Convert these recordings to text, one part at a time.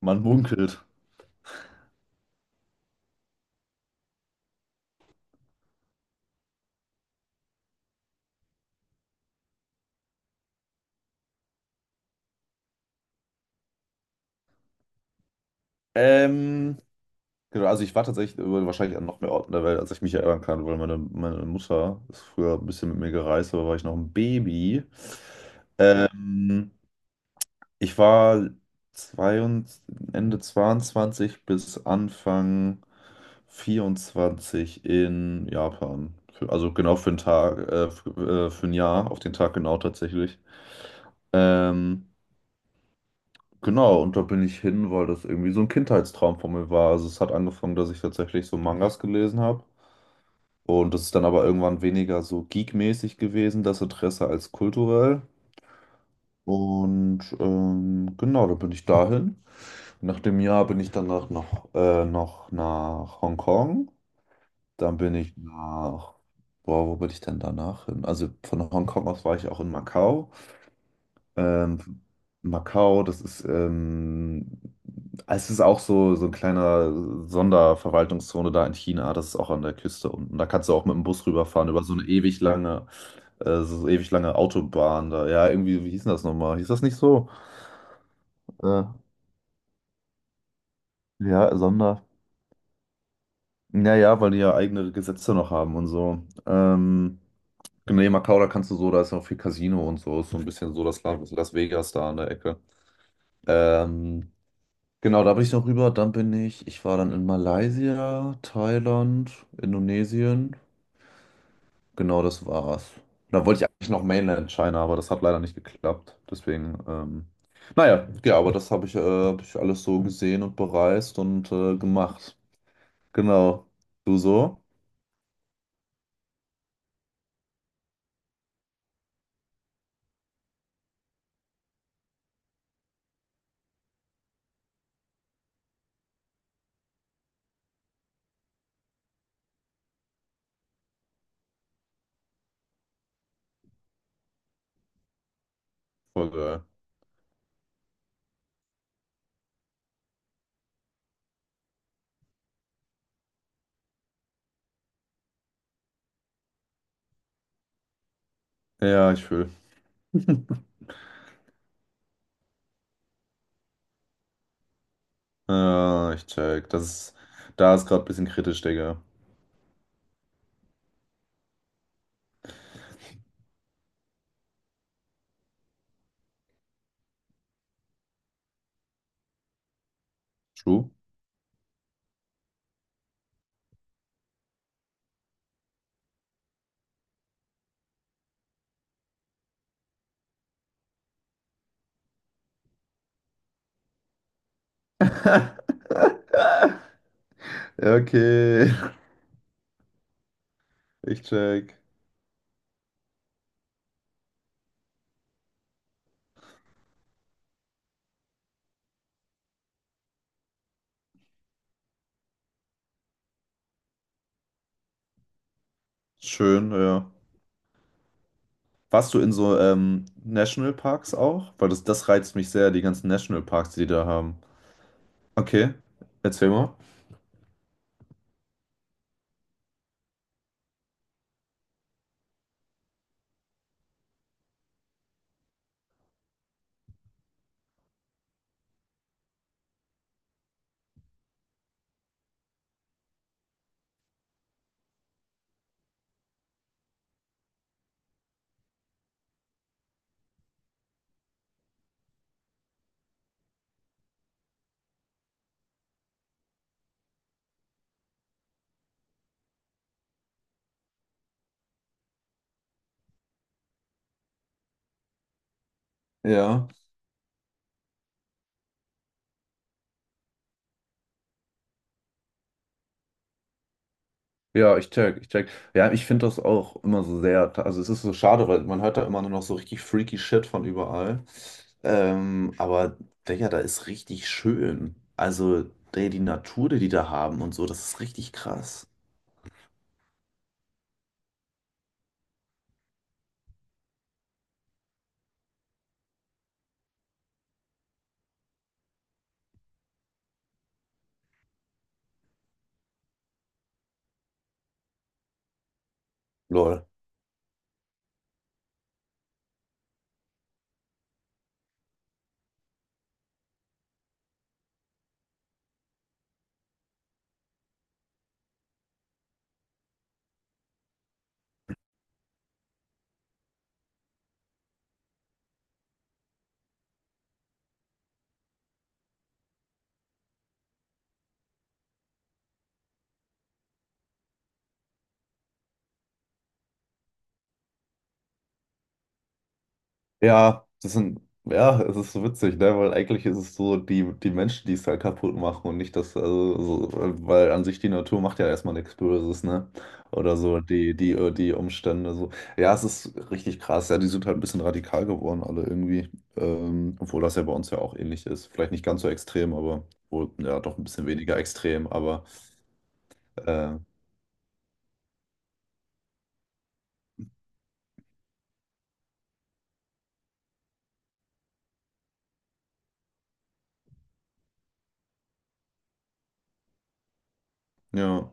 Man munkelt. Ähm, genau, also ich war tatsächlich wahrscheinlich an noch mehr Orten der Welt, als ich mich erinnern kann, weil meine Mutter ist früher ein bisschen mit mir gereist, aber war ich noch ein Baby. Ähm, Ich war 22, Ende 22 bis Anfang 24 in Japan. Also genau für einen Tag, für ein Jahr, auf den Tag genau tatsächlich. Ähm, Genau, und da bin ich hin, weil das irgendwie so ein Kindheitstraum von mir war. Also es hat angefangen, dass ich tatsächlich so Mangas gelesen habe. Und das ist dann aber irgendwann weniger so geekmäßig gewesen, das Interesse als kulturell. Und genau, da bin ich dahin. Nach dem Jahr bin ich danach noch nach Hongkong. Dann bin ich nach, boah, wo bin ich denn danach hin? Also von Hongkong aus war ich auch in Macau. Ähm, Macau, es ist auch so ein kleiner Sonderverwaltungszone da in China, das ist auch an der Küste unten. Da kannst du auch mit dem Bus rüberfahren, über so eine ewig lange, so so ewig lange Autobahn da. Ja, irgendwie, wie hieß denn das nochmal? Hieß das nicht so? Äh, ja, Sonder. Naja, weil die ja eigene Gesetze noch haben und so. Genau, nee, Macau, da kannst du so, da ist auch viel Casino und so, ist so ein bisschen so das Las Vegas da an der Ecke. Ähm, Genau, da bin ich noch rüber. Ich war dann in Malaysia, Thailand, Indonesien. Genau, das war's. Da wollte ich eigentlich noch Mainland China, aber das hat leider nicht geklappt. Deswegen, naja, ja, aber das hab ich alles so gesehen und bereist und gemacht. Genau. Du so? Voll geil. Ja, ich fühl. Ja, ich check. Da ist gerade ein bisschen kritisch, Digga. True. Ja, okay, ich check. Schön, ja. Warst du in so Nationalparks auch? Weil das reizt mich sehr, die ganzen Nationalparks, die die da haben. Okay, erzähl mal. Ja. Ja, ich check. Ja, ich finde das auch immer so sehr. Also es ist so schade, weil man hört da immer nur noch so richtig freaky Shit von überall. Aber Digga, da ist richtig schön. Also, die Natur, die die da haben und so, das ist richtig krass. Lol. Ja, es ist so witzig, ne? Weil eigentlich ist es so die Menschen, die es halt kaputt machen und nicht das, also, so, weil an sich die Natur macht ja erstmal nichts Böses, ne? Oder so die Umstände, so. Ja, es ist richtig krass, ja, die sind halt ein bisschen radikal geworden, alle irgendwie. Obwohl das ja bei uns ja auch ähnlich ist. Vielleicht nicht ganz so extrem, aber wohl, ja, doch ein bisschen weniger extrem, aber äh, ja.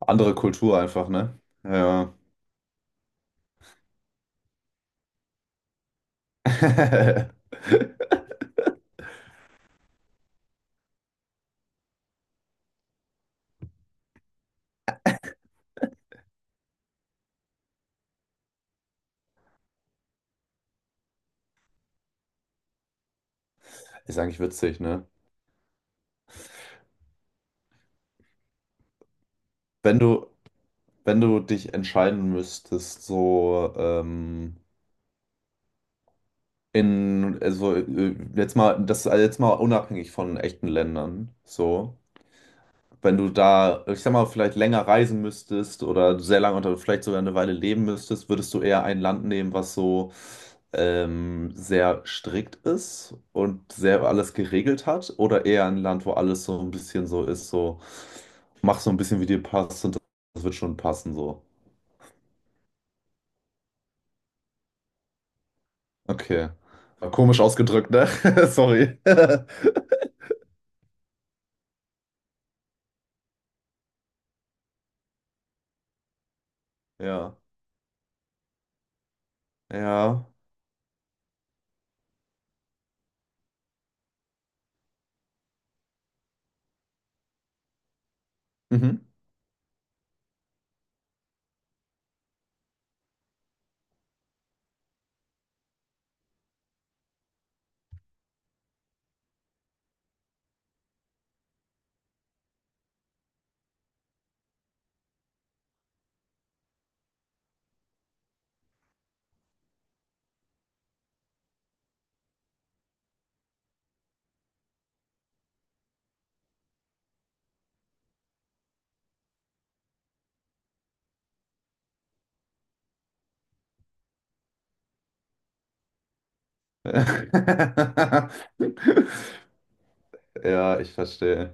Andere Kultur einfach, ne? Ja. Ist eigentlich witzig, ne? Wenn du, Wenn du dich entscheiden müsstest, so in, also jetzt mal, das also jetzt mal unabhängig von echten Ländern, so, wenn du da, ich sag mal, vielleicht länger reisen müsstest oder sehr lange oder vielleicht sogar eine Weile leben müsstest, würdest du eher ein Land nehmen, was so sehr strikt ist und sehr alles geregelt hat, oder eher ein Land, wo alles so ein bisschen so ist, so, mach so ein bisschen wie dir passt und das wird schon passen, so. Okay. War komisch ausgedrückt, ne? Sorry. Ja. Ja. Mhm. Ja, ich verstehe.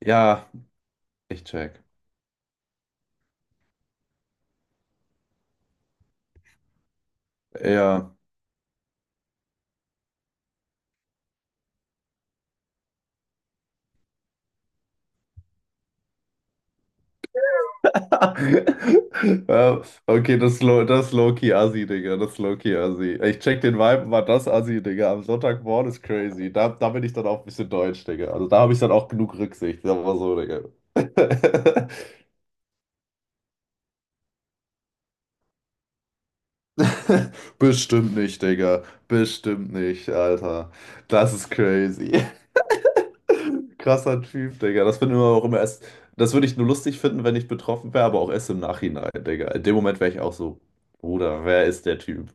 Ja, ich check. Ja. Ja, okay, das ist low-key Assi, Digga. Das ist low-key Assi. Ich check den Vibe, war das Assi, Digga. Am Sonntagmorgen ist crazy. Da bin ich dann auch ein bisschen deutsch, Digga. Also da habe ich dann auch genug Rücksicht. Sagen wir mal so, Digga. Bestimmt nicht, Digga. Bestimmt nicht, Alter. Das ist crazy. Krasser Typ, Digga. Das finde ich immer auch immer erst. Das würde ich nur lustig finden, wenn ich betroffen wäre, aber auch erst im Nachhinein, Digga. In dem Moment wäre ich auch so, Bruder, wer ist der Typ?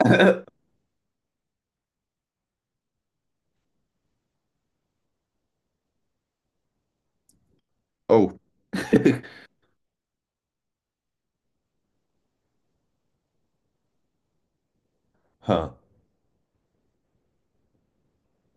Oh. Ha.